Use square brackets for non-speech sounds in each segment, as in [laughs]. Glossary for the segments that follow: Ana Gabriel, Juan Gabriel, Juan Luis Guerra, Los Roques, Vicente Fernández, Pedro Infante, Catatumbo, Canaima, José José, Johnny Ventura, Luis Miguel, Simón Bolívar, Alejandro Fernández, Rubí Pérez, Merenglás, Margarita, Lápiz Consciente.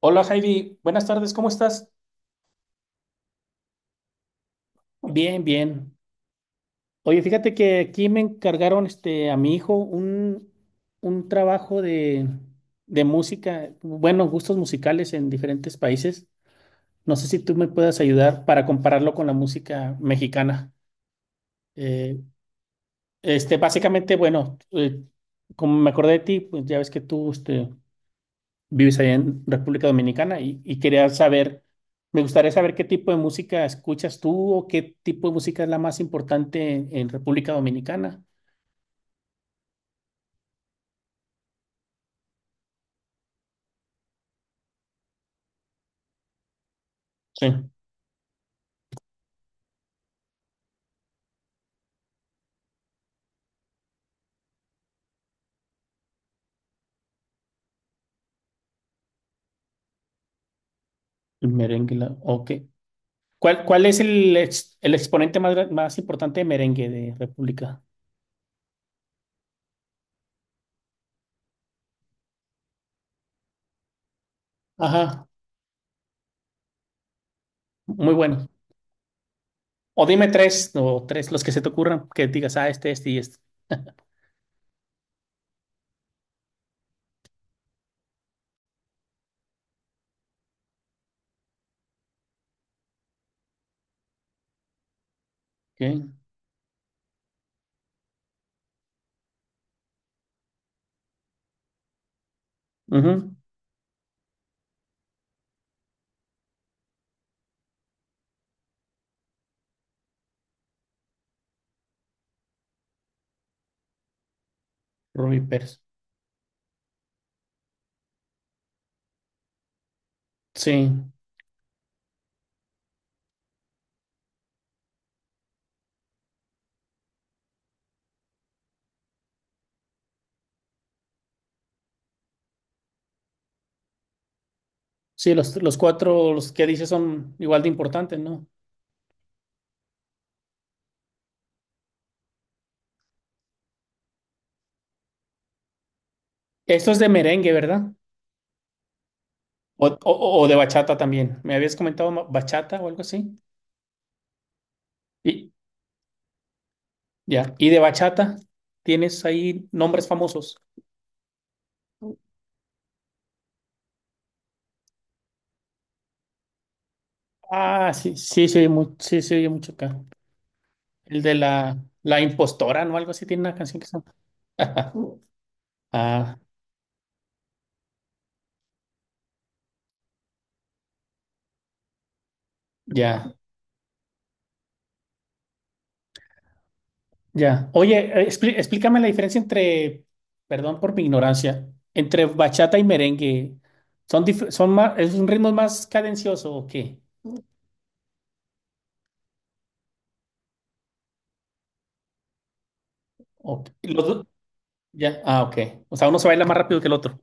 Hola Heidi, buenas tardes, ¿cómo estás? Bien, bien. Oye, fíjate que aquí me encargaron a mi hijo un trabajo de música, bueno, gustos musicales en diferentes países. No sé si tú me puedas ayudar para compararlo con la música mexicana. Eh, básicamente, bueno, como me acordé de ti, pues ya ves que tú vives allá en República Dominicana y quería saber, me gustaría saber qué tipo de música escuchas tú o qué tipo de música es la más importante en República Dominicana. Sí, el merengue, ok. ¿Cuál es el exponente más importante de merengue de República? Ajá, muy bueno. O dime tres, o tres, los que se te ocurran, que digas, ah, este y este. Ok, ujú, Rubí Pérez. Sí, sí, los cuatro, los que dices son igual de importantes, ¿no? Esto es de merengue, ¿verdad? O de bachata también. Me habías comentado bachata o algo así. Y ya. Y de bachata, ¿tienes ahí nombres famosos? Ah, sí, sí, se oye sí, se oye mucho acá. El de la, impostora, ¿no? Algo así tiene una canción que se llama. [laughs] Ah, ya, ya. Oye, explícame la diferencia entre, perdón por mi ignorancia, entre bachata y merengue. ¿Son más, es un ritmo más cadencioso o qué? ¿O Los dos- ya, ah, ok. O sea, uno se baila más rápido que el otro.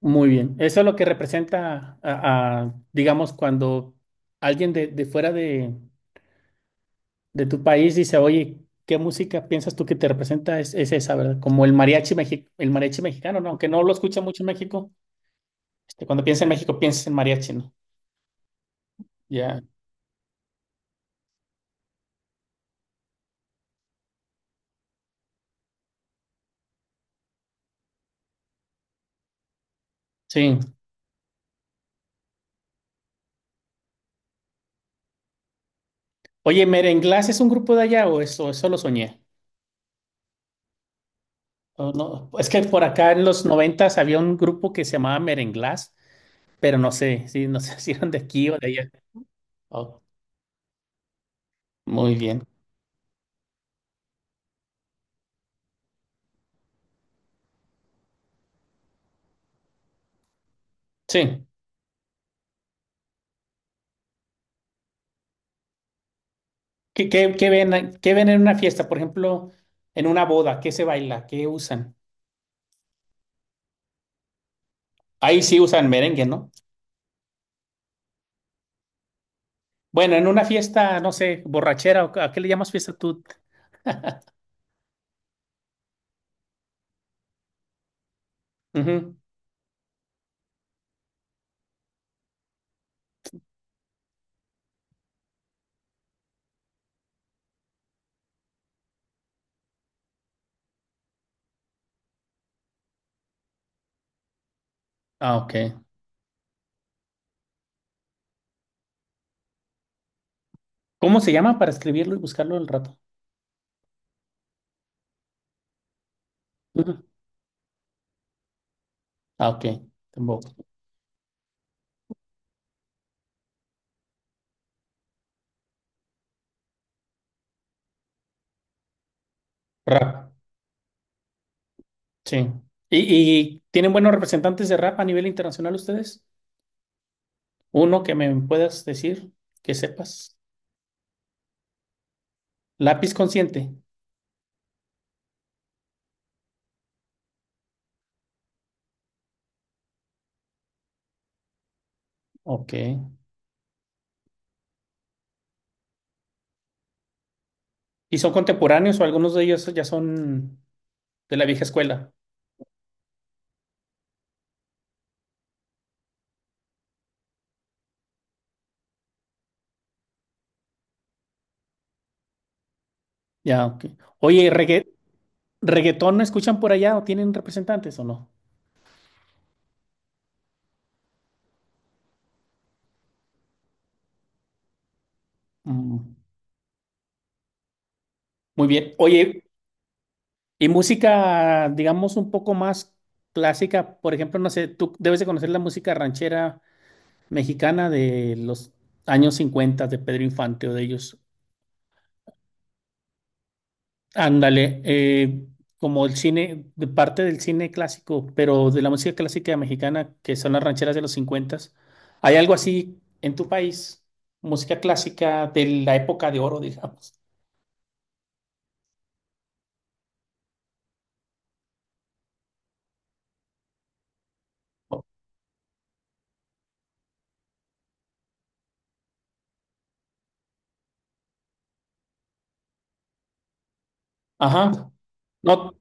Muy bien, eso es lo que representa, a, digamos, cuando alguien de fuera de tu país dice, oye, ¿qué música piensas tú que te representa? Es esa, ¿verdad? Como el mariachi mexicano, ¿no? Aunque no lo escucha mucho en México, cuando piensa en México, piensa en mariachi, ¿no? Ya, sí. Oye, ¿Merenglás es un grupo de allá o eso lo soñé? O no, es que por acá en los noventas había un grupo que se llamaba Merenglás, pero no sé, sí, no sé [laughs] si eran de aquí o de allá. Oh, muy bien, sí. ¿Qué, qué- qué ven, qué ven en una fiesta? Por ejemplo, en una boda, ¿qué se baila? ¿Qué usan? Ahí sí usan merengue, ¿no? Bueno, en una fiesta, no sé, borrachera, ¿o ¿a qué le llamas fiesta tú? Ujú. Ah, ok. ¿Cómo se llama para escribirlo y buscarlo al rato? Ujú. Ah, ok. Tampoco. Rap, sí. ¿Y, y tienen buenos representantes de rap a nivel internacional ustedes? Uno que me puedas decir, que sepas. Lápiz Consciente. Ok. ¿Y son contemporáneos o algunos de ellos ya son de la vieja escuela? Ya, ok. Oye, ¿reggaetón no escuchan por allá o tienen representantes o no? Mm. Muy bien. Oye, y música, digamos, un poco más clásica, por ejemplo, no sé, tú debes de conocer la música ranchera mexicana de los años 50 de Pedro Infante o de ellos. Ándale, como el cine, de parte del cine clásico, pero de la música clásica mexicana, que son las rancheras de los 50, ¿hay algo así en tu país? Música clásica de la época de oro, digamos. Ajá, no,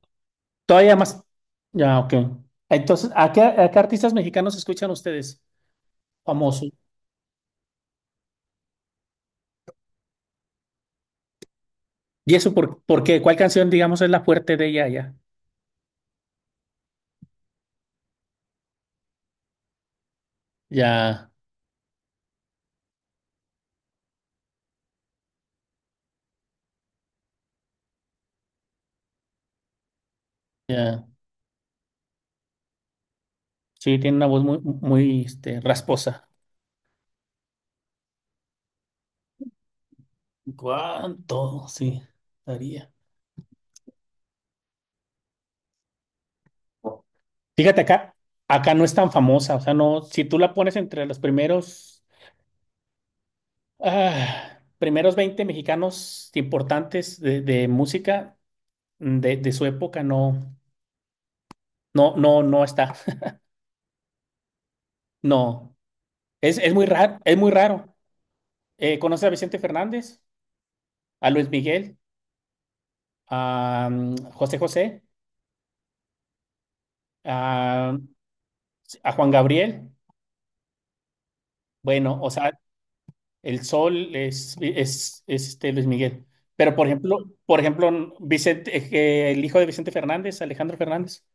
todavía más. Ya, ok. Entonces, ¿a qué artistas mexicanos escuchan ustedes? Famoso. ¿Y eso por qué? ¿Cuál canción, digamos, es la fuerte de ella ya? Ya, ya. Sí, tiene una voz muy, muy, rasposa. ¿Cuánto? Sí, daría. Fíjate acá, acá no es tan famosa, o sea, no, si tú la pones entre los primeros, ah, primeros 20 mexicanos importantes de música de su época, no, no, no, no está, [laughs] no, es muy raro, es muy raro. ¿Conoces a Vicente Fernández, a Luis Miguel, a José José, a, a Juan Gabriel? Bueno, o sea, El Sol es este Luis Miguel. Pero por ejemplo, Vicente, que el hijo de Vicente Fernández, Alejandro Fernández.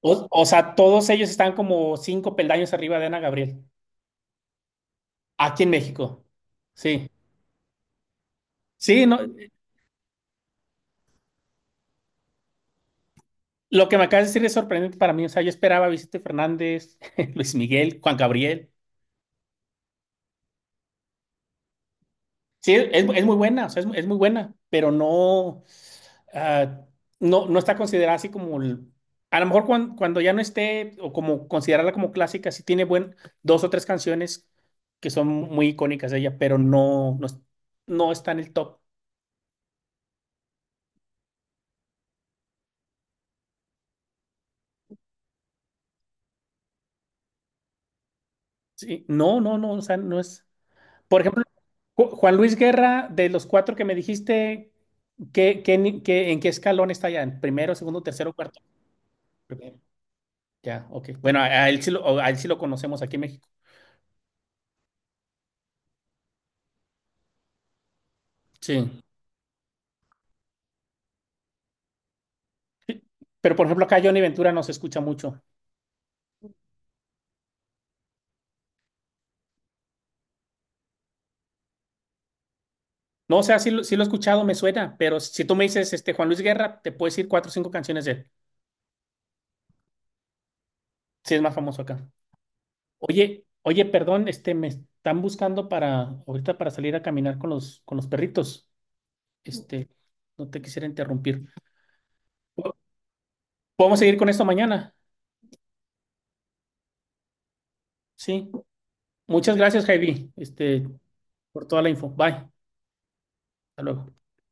O sea, todos ellos están como cinco peldaños arriba de Ana Gabriel, aquí en México. Sí. Sí, no, lo que me acabas de decir es sorprendente para mí. O sea, yo esperaba a Vicente Fernández, [laughs] Luis Miguel, Juan Gabriel. Sí, es muy buena, o sea, es muy buena, pero no, ah, no, no está considerada así como, a lo mejor cuando, ya no esté, o como considerarla como clásica, sí tiene dos o tres canciones que son muy icónicas de ella, pero no, no, no está en el top. Sí, no, no, no, o sea, no es. Por ejemplo, Juan Luis Guerra, de los cuatro que me dijiste, ¿qué, qué ni- qué- en qué escalón está ya? ¿En primero, segundo, tercero, cuarto? Primero. Ya, ok. Bueno, a él sí lo, a él sí lo conocemos aquí en México. Sí. Pero por ejemplo, acá Johnny Ventura no se escucha mucho. No, o sea, sí lo he escuchado, me suena, pero si tú me dices este Juan Luis Guerra, te puedo decir cuatro o cinco canciones de él. Sí, es más famoso acá. Oye, oye, perdón, me están buscando para ahorita para salir a caminar con los perritos. Este, no te quisiera interrumpir. Podemos seguir con esto mañana. Sí. Muchas gracias, Javi, por toda la info. Bye. Hasta luego.